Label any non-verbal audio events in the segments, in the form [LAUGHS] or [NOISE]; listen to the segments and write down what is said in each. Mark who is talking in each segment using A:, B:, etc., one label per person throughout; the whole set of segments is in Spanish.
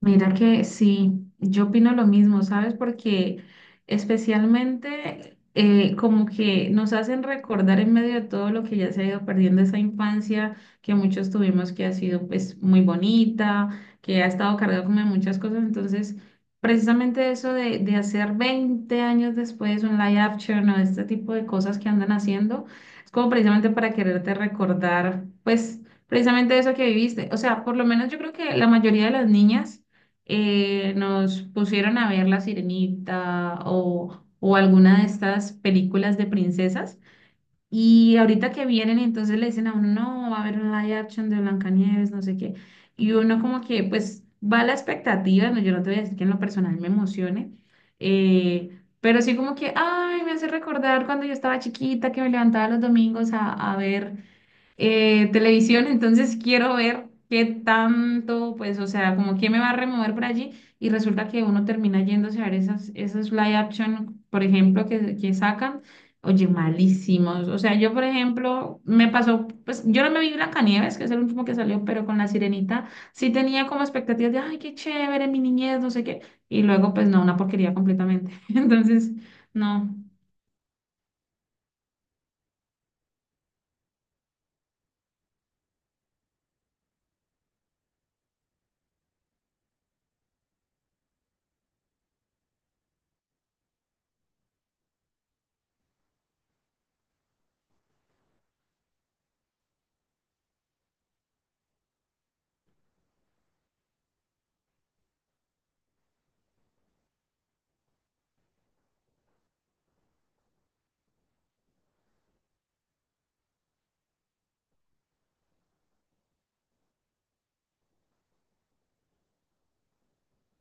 A: Mira que sí, yo opino lo mismo, ¿sabes? Porque especialmente como que nos hacen recordar en medio de todo lo que ya se ha ido perdiendo esa infancia que muchos tuvimos que ha sido pues muy bonita, que ha estado cargada como de muchas cosas. Entonces, precisamente eso de hacer 20 años después un live action o este tipo de cosas que andan haciendo, es como precisamente para quererte recordar pues precisamente eso que viviste. O sea, por lo menos yo creo que la mayoría de las niñas nos pusieron a ver La Sirenita o alguna de estas películas de princesas. Y ahorita que vienen, entonces le dicen a uno, no, va a haber un live action de Blancanieves, no sé qué. Y uno como que, pues, va a la expectativa, no, yo no te voy a decir que en lo personal me emocione, pero sí como que, ay, me hace recordar cuando yo estaba chiquita, que me levantaba los domingos a ver televisión, entonces quiero ver qué tanto, pues, o sea, como quién me va a remover por allí y resulta que uno termina yéndose a ver esas live action, por ejemplo, que sacan, oye, malísimos. O sea, yo, por ejemplo, me pasó, pues, yo no me vi Blancanieves, que es el último que salió, pero con La Sirenita sí tenía como expectativas de, ay, qué chévere, mi niñez, no sé qué, y luego, pues, no, una porquería completamente. [LAUGHS] Entonces, no.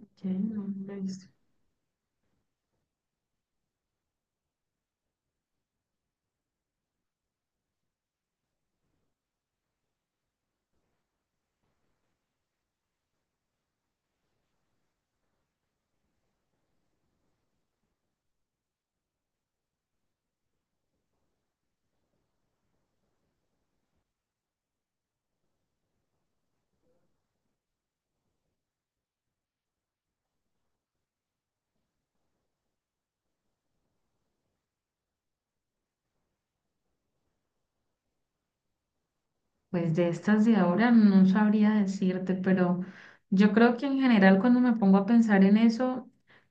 A: Ok, no, no lo he visto. Pues de estas de ahora no sabría decirte, pero yo creo que en general cuando me pongo a pensar en eso,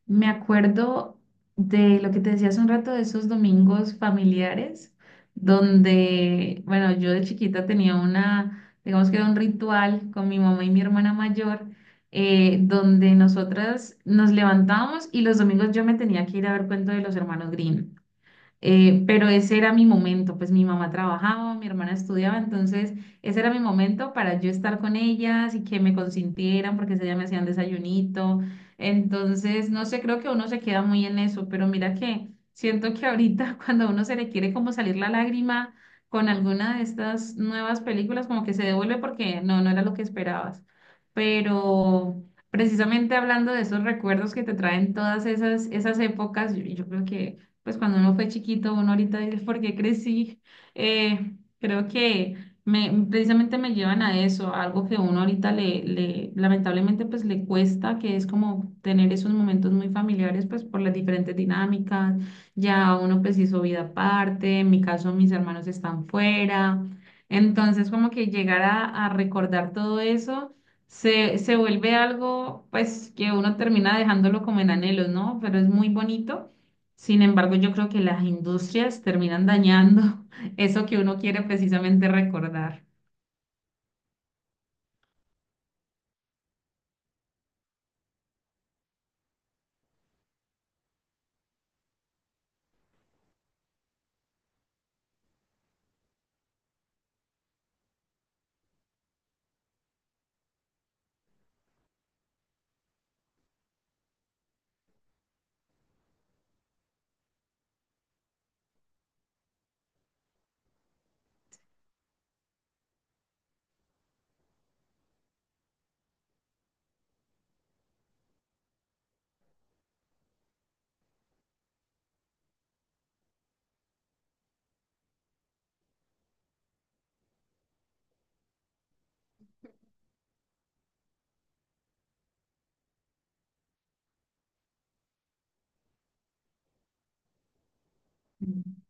A: me acuerdo de lo que te decía hace un rato de esos domingos familiares, donde, bueno, yo de chiquita tenía una, digamos que era un ritual con mi mamá y mi hermana mayor, donde nosotras nos levantábamos y los domingos yo me tenía que ir a ver cuento de los hermanos Grimm. Pero ese era mi momento, pues mi mamá trabajaba, mi hermana estudiaba, entonces ese era mi momento para yo estar con ellas y que me consintieran porque ese día me hacían desayunito. Entonces, no sé, creo que uno se queda muy en eso, pero mira que siento que ahorita [LAUGHS] cuando a uno se le quiere como salir la lágrima con alguna de estas nuevas películas, como que se devuelve porque no, no era lo que esperabas. Pero precisamente hablando de esos recuerdos que te traen todas esas épocas, yo creo que pues cuando uno fue chiquito, uno ahorita dice, ¿por qué crecí? Creo que precisamente me llevan a eso, a algo que uno ahorita lamentablemente, pues le cuesta, que es como tener esos momentos muy familiares, pues por las diferentes dinámicas, ya uno pues hizo vida aparte, en mi caso mis hermanos están fuera, entonces como que llegar a recordar todo eso se vuelve algo pues que uno termina dejándolo como en anhelos, ¿no? Pero es muy bonito sin embargo, yo creo que las industrias terminan dañando [LAUGHS] eso que uno quiere precisamente recordar. Mm.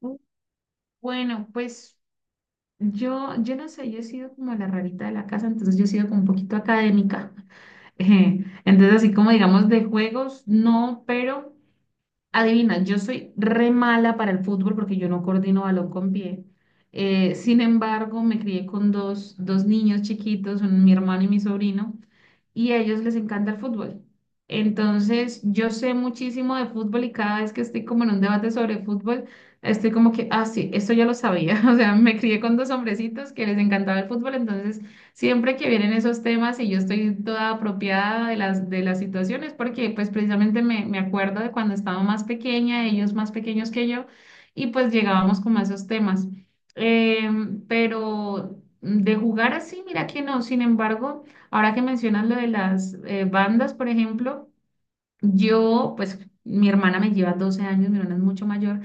A: Uh, bueno, pues yo no sé, yo he sido como la rarita de la casa, entonces yo he sido como un poquito académica. [LAUGHS] Entonces, así como digamos de juegos, no, pero adivina, yo soy re mala para el fútbol porque yo no coordino balón con pie. Sin embargo, me crié con dos niños chiquitos, mi hermano y mi sobrino. Y a ellos les encanta el fútbol. Entonces, yo sé muchísimo de fútbol y cada vez que estoy como en un debate sobre fútbol, estoy como que, ah, sí, esto ya lo sabía. [LAUGHS] O sea, me crié con dos hombrecitos que les encantaba el fútbol, entonces siempre que vienen esos temas y yo estoy toda apropiada de las situaciones, porque pues precisamente me acuerdo de cuando estaba más pequeña, ellos más pequeños que yo, y pues llegábamos como a esos temas. Pero de jugar así, mira que no, sin embargo. Ahora que mencionas lo de las bandas, por ejemplo, yo, pues mi hermana me lleva 12 años, mi hermana es mucho mayor,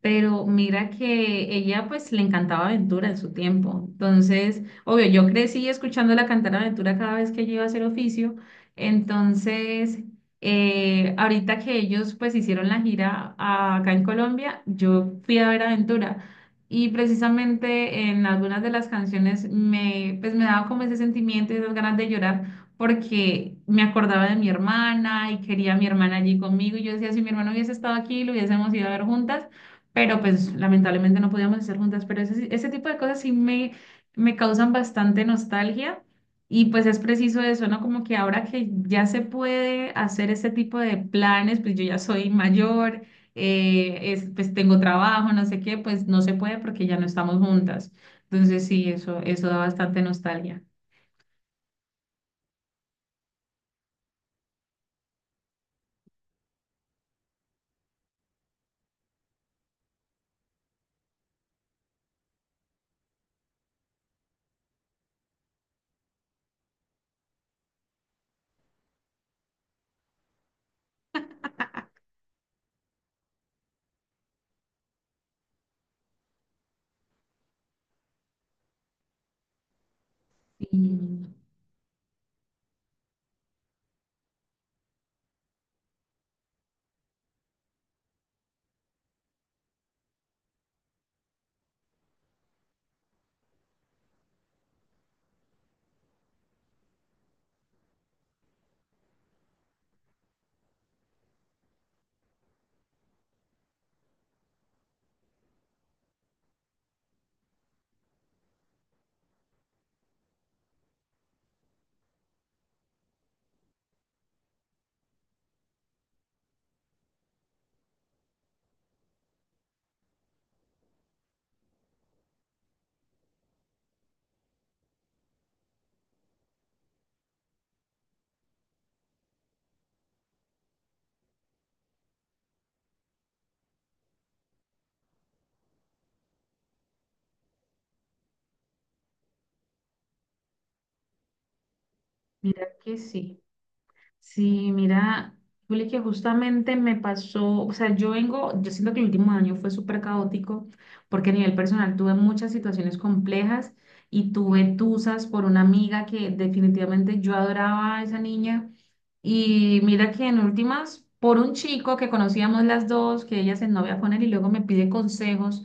A: pero mira que ella pues le encantaba Aventura en su tiempo. Entonces, obvio, yo crecí escuchándola cantar Aventura cada vez que ella iba a hacer oficio. Entonces, ahorita que ellos pues hicieron la gira acá en Colombia, yo fui a ver Aventura. Y precisamente en algunas de las canciones pues me daba como ese sentimiento y esas ganas de llorar porque me acordaba de mi hermana y quería a mi hermana allí conmigo. Y yo decía, si mi hermano hubiese estado aquí, lo hubiésemos ido a ver juntas, pero pues lamentablemente no podíamos estar juntas, pero ese, sí, ese tipo de cosas sí me causan bastante nostalgia y pues es preciso eso, ¿no? Como que ahora que ya se puede hacer este tipo de planes, pues yo ya soy mayor, pues tengo trabajo, no sé qué, pues no se puede porque ya no estamos juntas. Entonces sí, eso da bastante nostalgia. Y mira que sí. Sí, mira, Juli, que justamente me pasó, o sea, yo vengo, yo siento que el último año fue súper caótico porque a nivel personal tuve muchas situaciones complejas y tuve tusas por una amiga que definitivamente yo adoraba a esa niña y mira que en últimas, por un chico que conocíamos las dos, que ella se novia con él y luego me pide consejos,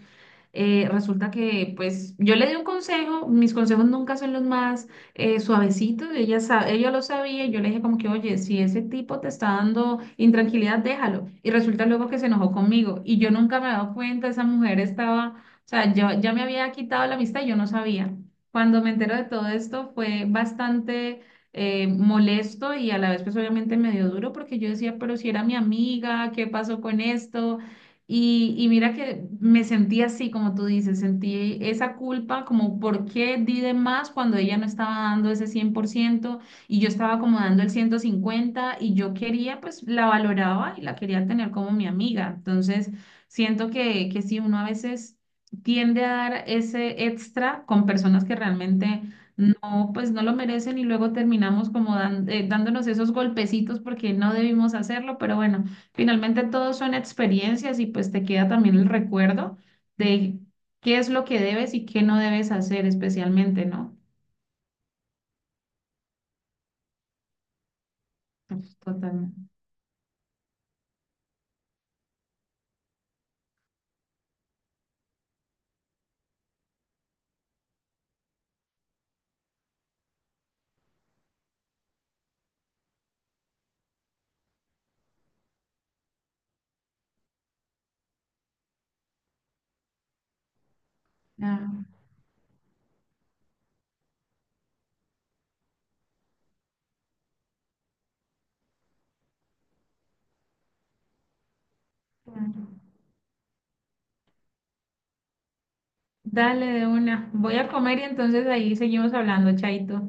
A: resulta que pues yo le di un consejo, mis consejos nunca son los más suavecitos, ella, ella lo sabía, y yo le dije como que, oye, si ese tipo te está dando intranquilidad, déjalo. Y resulta luego que se enojó conmigo y yo nunca me he dado cuenta, esa mujer estaba, o sea, yo, ya me había quitado la amistad y yo no sabía. Cuando me entero de todo esto fue bastante molesto y a la vez pues obviamente medio duro porque yo decía, pero si era mi amiga, ¿qué pasó con esto? Y mira que me sentí así, como tú dices, sentí esa culpa, como por qué di de más cuando ella no estaba dando ese 100% y yo estaba como dando el 150 y yo quería, pues la valoraba y la quería tener como mi amiga. Entonces, siento que sí, uno a veces tiende a dar ese extra con personas que realmente no, pues no lo merecen y luego terminamos como dándonos esos golpecitos porque no debimos hacerlo, pero bueno, finalmente todo son experiencias y pues te queda también el recuerdo de qué es lo que debes y qué no debes hacer especialmente, ¿no? Pues, totalmente. Ah, claro. Dale de una. Voy a comer y entonces ahí seguimos hablando, Chaito.